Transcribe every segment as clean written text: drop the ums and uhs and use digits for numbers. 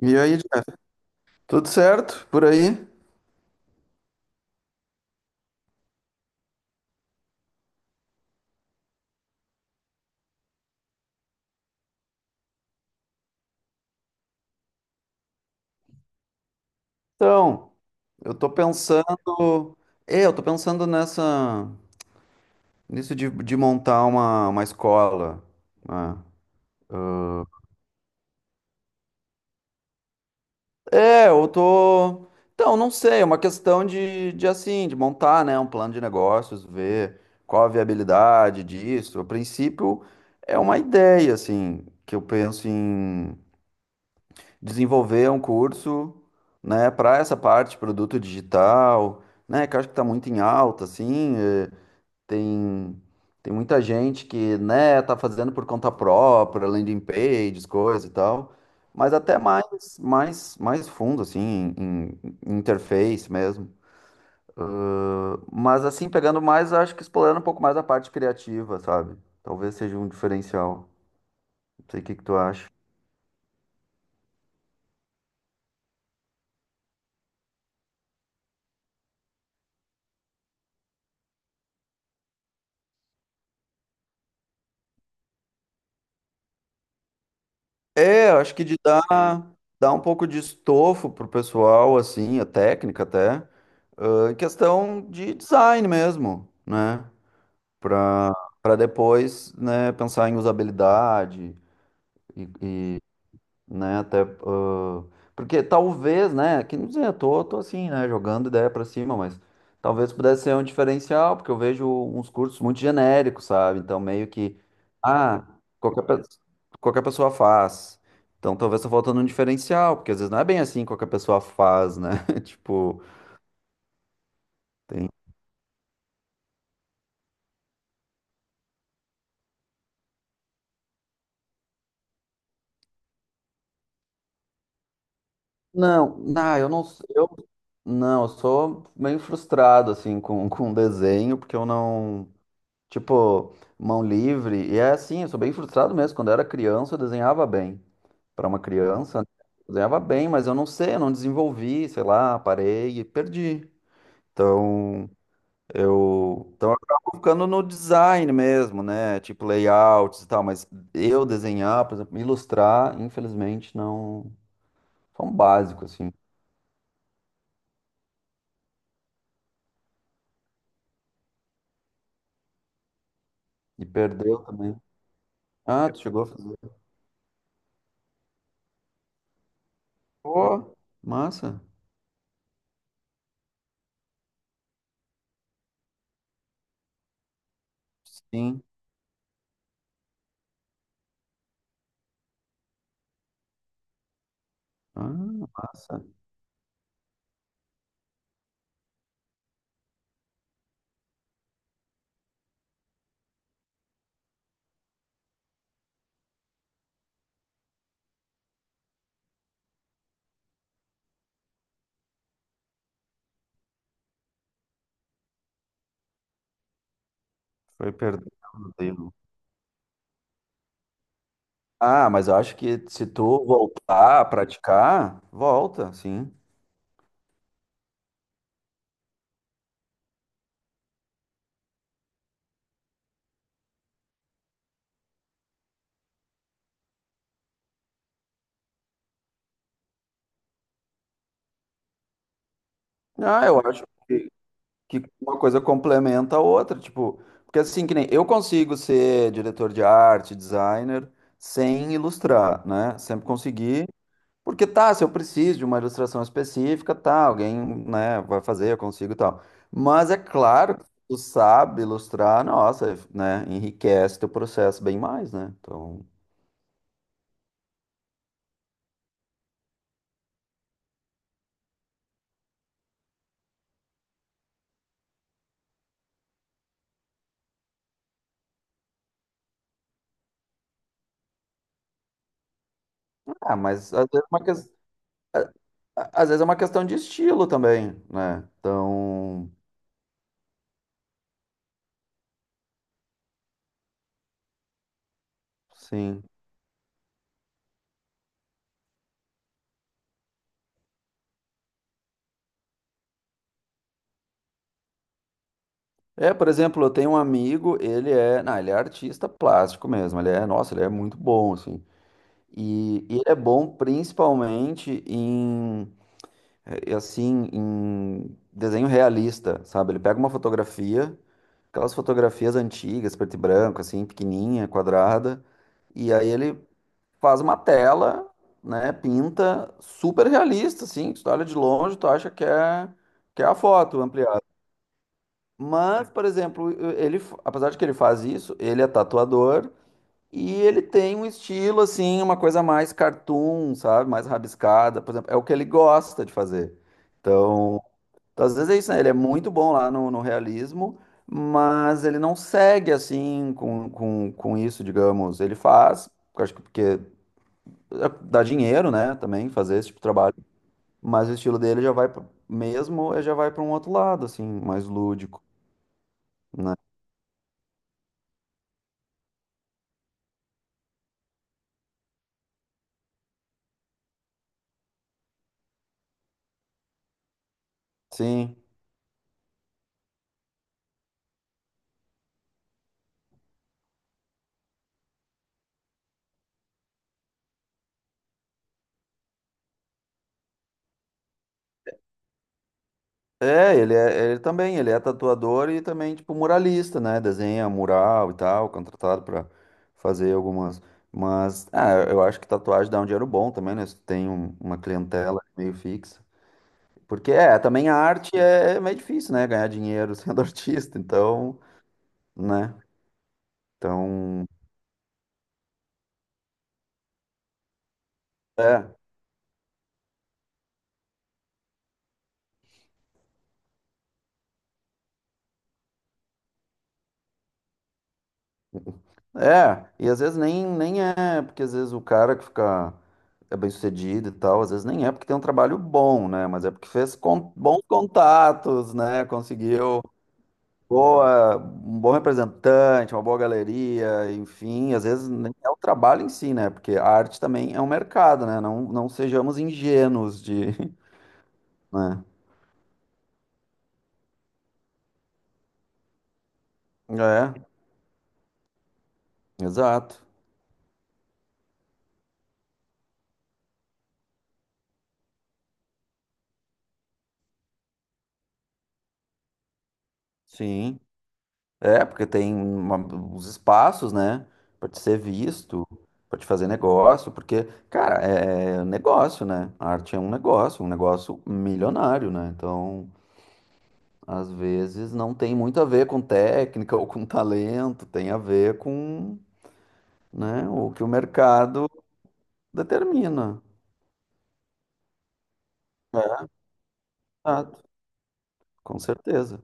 E aí, Jeff, tudo certo por aí? Então, eu tô pensando, eu tô pensando nisso de montar uma escola, né? É, eu tô, então, não sei, é uma questão de assim, de montar, né, um plano de negócios, ver qual a viabilidade disso. A princípio, é uma ideia, assim, que eu penso em desenvolver um curso, né, para essa parte de produto digital, né, que eu acho que está muito em alta, assim, tem tem muita gente que, né, tá fazendo por conta própria, landing pages, coisa e tal, mas até mais mais fundo assim, em, em interface mesmo. Mas assim, pegando mais, acho que explorando um pouco mais a parte criativa, sabe? Talvez seja um diferencial. Não sei o que que tu acha. É, eu acho que dar um pouco de estofo pro pessoal, assim, a técnica até, ah, em questão de design mesmo, né? Pra, pra depois, né, pensar em usabilidade e né? Até ah, porque talvez, né? Que não sei, tô assim, né? Jogando ideia pra cima, mas talvez pudesse ser um diferencial, porque eu vejo uns cursos muito genéricos, sabe? Então meio que ah, qualquer, pe- qualquer pessoa faz. Então talvez tá faltando um diferencial, porque às vezes não é bem assim que qualquer pessoa faz, né? Tipo, tem não, não, eu não, eu sou meio frustrado assim com desenho, porque eu não Tipo, mão livre. E é assim, eu sou bem frustrado mesmo. Quando eu era criança, eu desenhava bem. Para uma criança, né? Eu desenhava bem, mas eu não sei, eu não desenvolvi, sei lá, parei e perdi. Então, eu acabo ficando no design mesmo, né? Tipo layouts e tal, mas eu desenhar, por exemplo, ilustrar, infelizmente não, só um básico assim. E perdeu também. Ah, tu chegou a fazer. Pô, massa. Sim. Ah, massa. Foi perdendo. Ah, mas eu acho que se tu voltar a praticar, volta, sim. Ah, eu acho que uma coisa complementa a outra, tipo, porque assim que nem eu consigo ser diretor de arte, designer, sem ilustrar, né? Sempre consegui, porque tá, se eu preciso de uma ilustração específica, tá, alguém, né, vai fazer, eu consigo e tal. Mas é claro que tu sabe ilustrar, nossa, né, enriquece teu processo bem mais, né? Então, ah, mas às vezes é uma às vezes é uma questão de estilo também, né? Então, sim. É, por exemplo, eu tenho um amigo, ele é, não, ele é artista plástico mesmo, ele é, nossa, ele é muito bom, assim. E ele é bom principalmente em, assim, em desenho realista, sabe? Ele pega uma fotografia, aquelas fotografias antigas, preto e branco, assim, pequenininha, quadrada, e aí ele faz uma tela, né, pinta super realista, assim, que tu olha de longe, tu acha que é a foto ampliada. Mas, por exemplo, ele, apesar de que ele faz isso, ele é tatuador e ele tem um estilo, assim, uma coisa mais cartoon, sabe, mais rabiscada, por exemplo, é o que ele gosta de fazer. Então, então, às vezes é isso, né, ele é muito bom lá no realismo, mas ele não segue, assim, com isso, digamos, ele faz, eu acho que porque é, dá dinheiro, né, também fazer esse tipo de trabalho, mas o estilo dele já mesmo, já vai para um outro lado, assim, mais lúdico, né? Sim. É, ele também, ele é tatuador e também, tipo, muralista, né? Desenha mural e tal, contratado para fazer algumas. Mas, ah, eu acho que tatuagem dá um dinheiro bom também, né? Se tu tem um- uma clientela meio fixa. Porque, é, também a arte é meio difícil, né? Ganhar dinheiro sendo artista, então, né? Então. É. É, e às vezes nem é, porque às vezes o cara que fica é bem sucedido e tal, às vezes nem é porque tem um trabalho bom, né? Mas é porque fez con- bons contatos, né? Conseguiu boa, um bom representante, uma boa galeria, enfim, às vezes nem é o trabalho em si, né? Porque a arte também é um mercado, né? Não, não sejamos ingênuos de, né? É, exato. Sim. É, porque tem uma- os espaços, né? Pra te ser visto, pra te fazer negócio, porque, cara, é negócio, né? A arte é um negócio milionário, né? Então, às vezes não tem muito a ver com técnica ou com talento, tem a ver com, né, o que o mercado determina. É, exato, com certeza.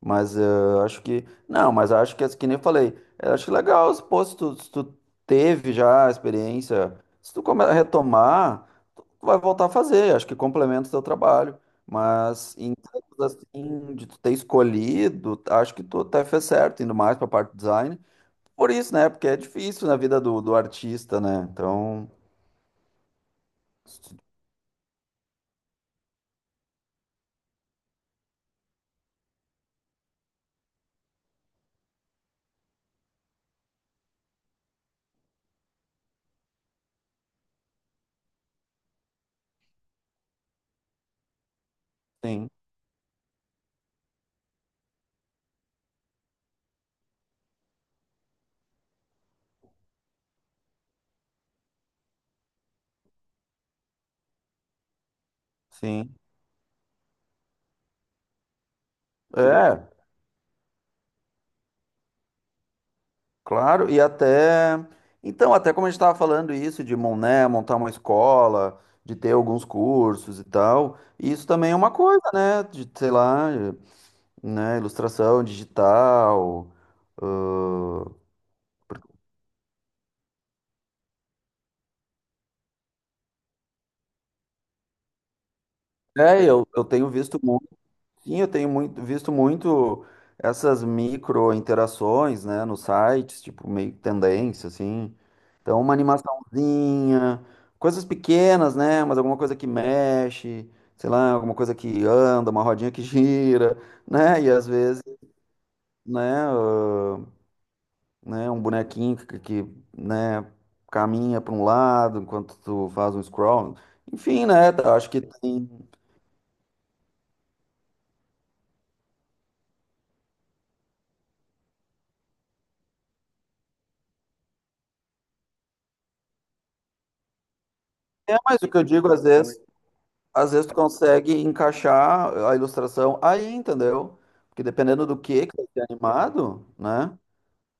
Mas eh, eu acho que. Não, mas acho que nem eu falei, eu acho legal, se, pô, se tu teve já a experiência, se tu come- retomar, tu vai voltar a fazer, acho que complementa o teu trabalho. Mas em termos assim, de tu ter escolhido, acho que tu até fez certo, indo mais pra parte do design. Por isso, né? Porque é difícil na vida do, do artista, né? Então, sim, sim. É, claro, e até. Então, até como a gente estava falando isso, de mon- né, montar uma escola, de ter alguns cursos e tal, isso também é uma coisa, né? De, sei lá, né, ilustração digital. ãh, É, eu tenho visto sim, eu tenho muito, visto muito essas micro interações, né, nos sites, tipo meio que tendência, assim. Então, uma animaçãozinha, coisas pequenas, né, mas alguma coisa que mexe, sei lá, alguma coisa que anda, uma rodinha que gira, né, e às vezes, né, ah, né, um bonequinho né, caminha para um lado enquanto tu faz um scroll. Enfim, né, tá, acho que tem. É, mas o que eu digo às vezes. Às vezes tu consegue encaixar a ilustração aí, entendeu? Porque dependendo do que vai ser animado, né?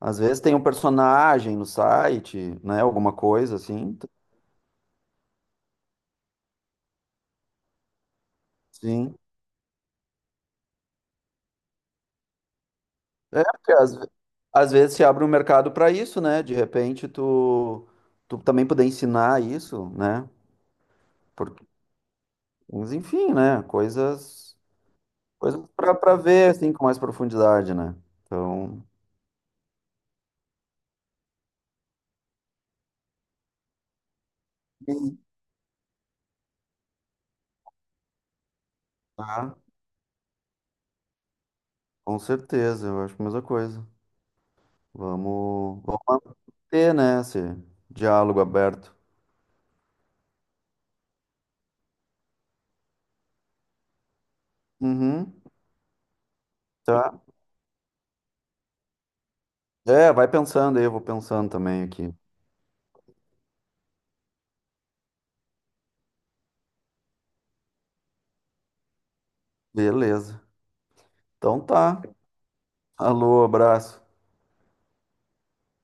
Às vezes tem um personagem no site, né? Alguma coisa assim. Sim. É, porque às vezes se abre um mercado para isso, né? De repente tu, tu também poder ensinar isso, né? Porque, mas enfim, né? Coisas, coisas para ver assim com mais profundidade, né? Então, sim. Tá, com certeza, eu acho a mesma coisa. Vamos, vamos manter, né, esse diálogo aberto. Uhum, tá. É, vai pensando aí, eu vou pensando também aqui. Beleza. Então tá. Alô, abraço.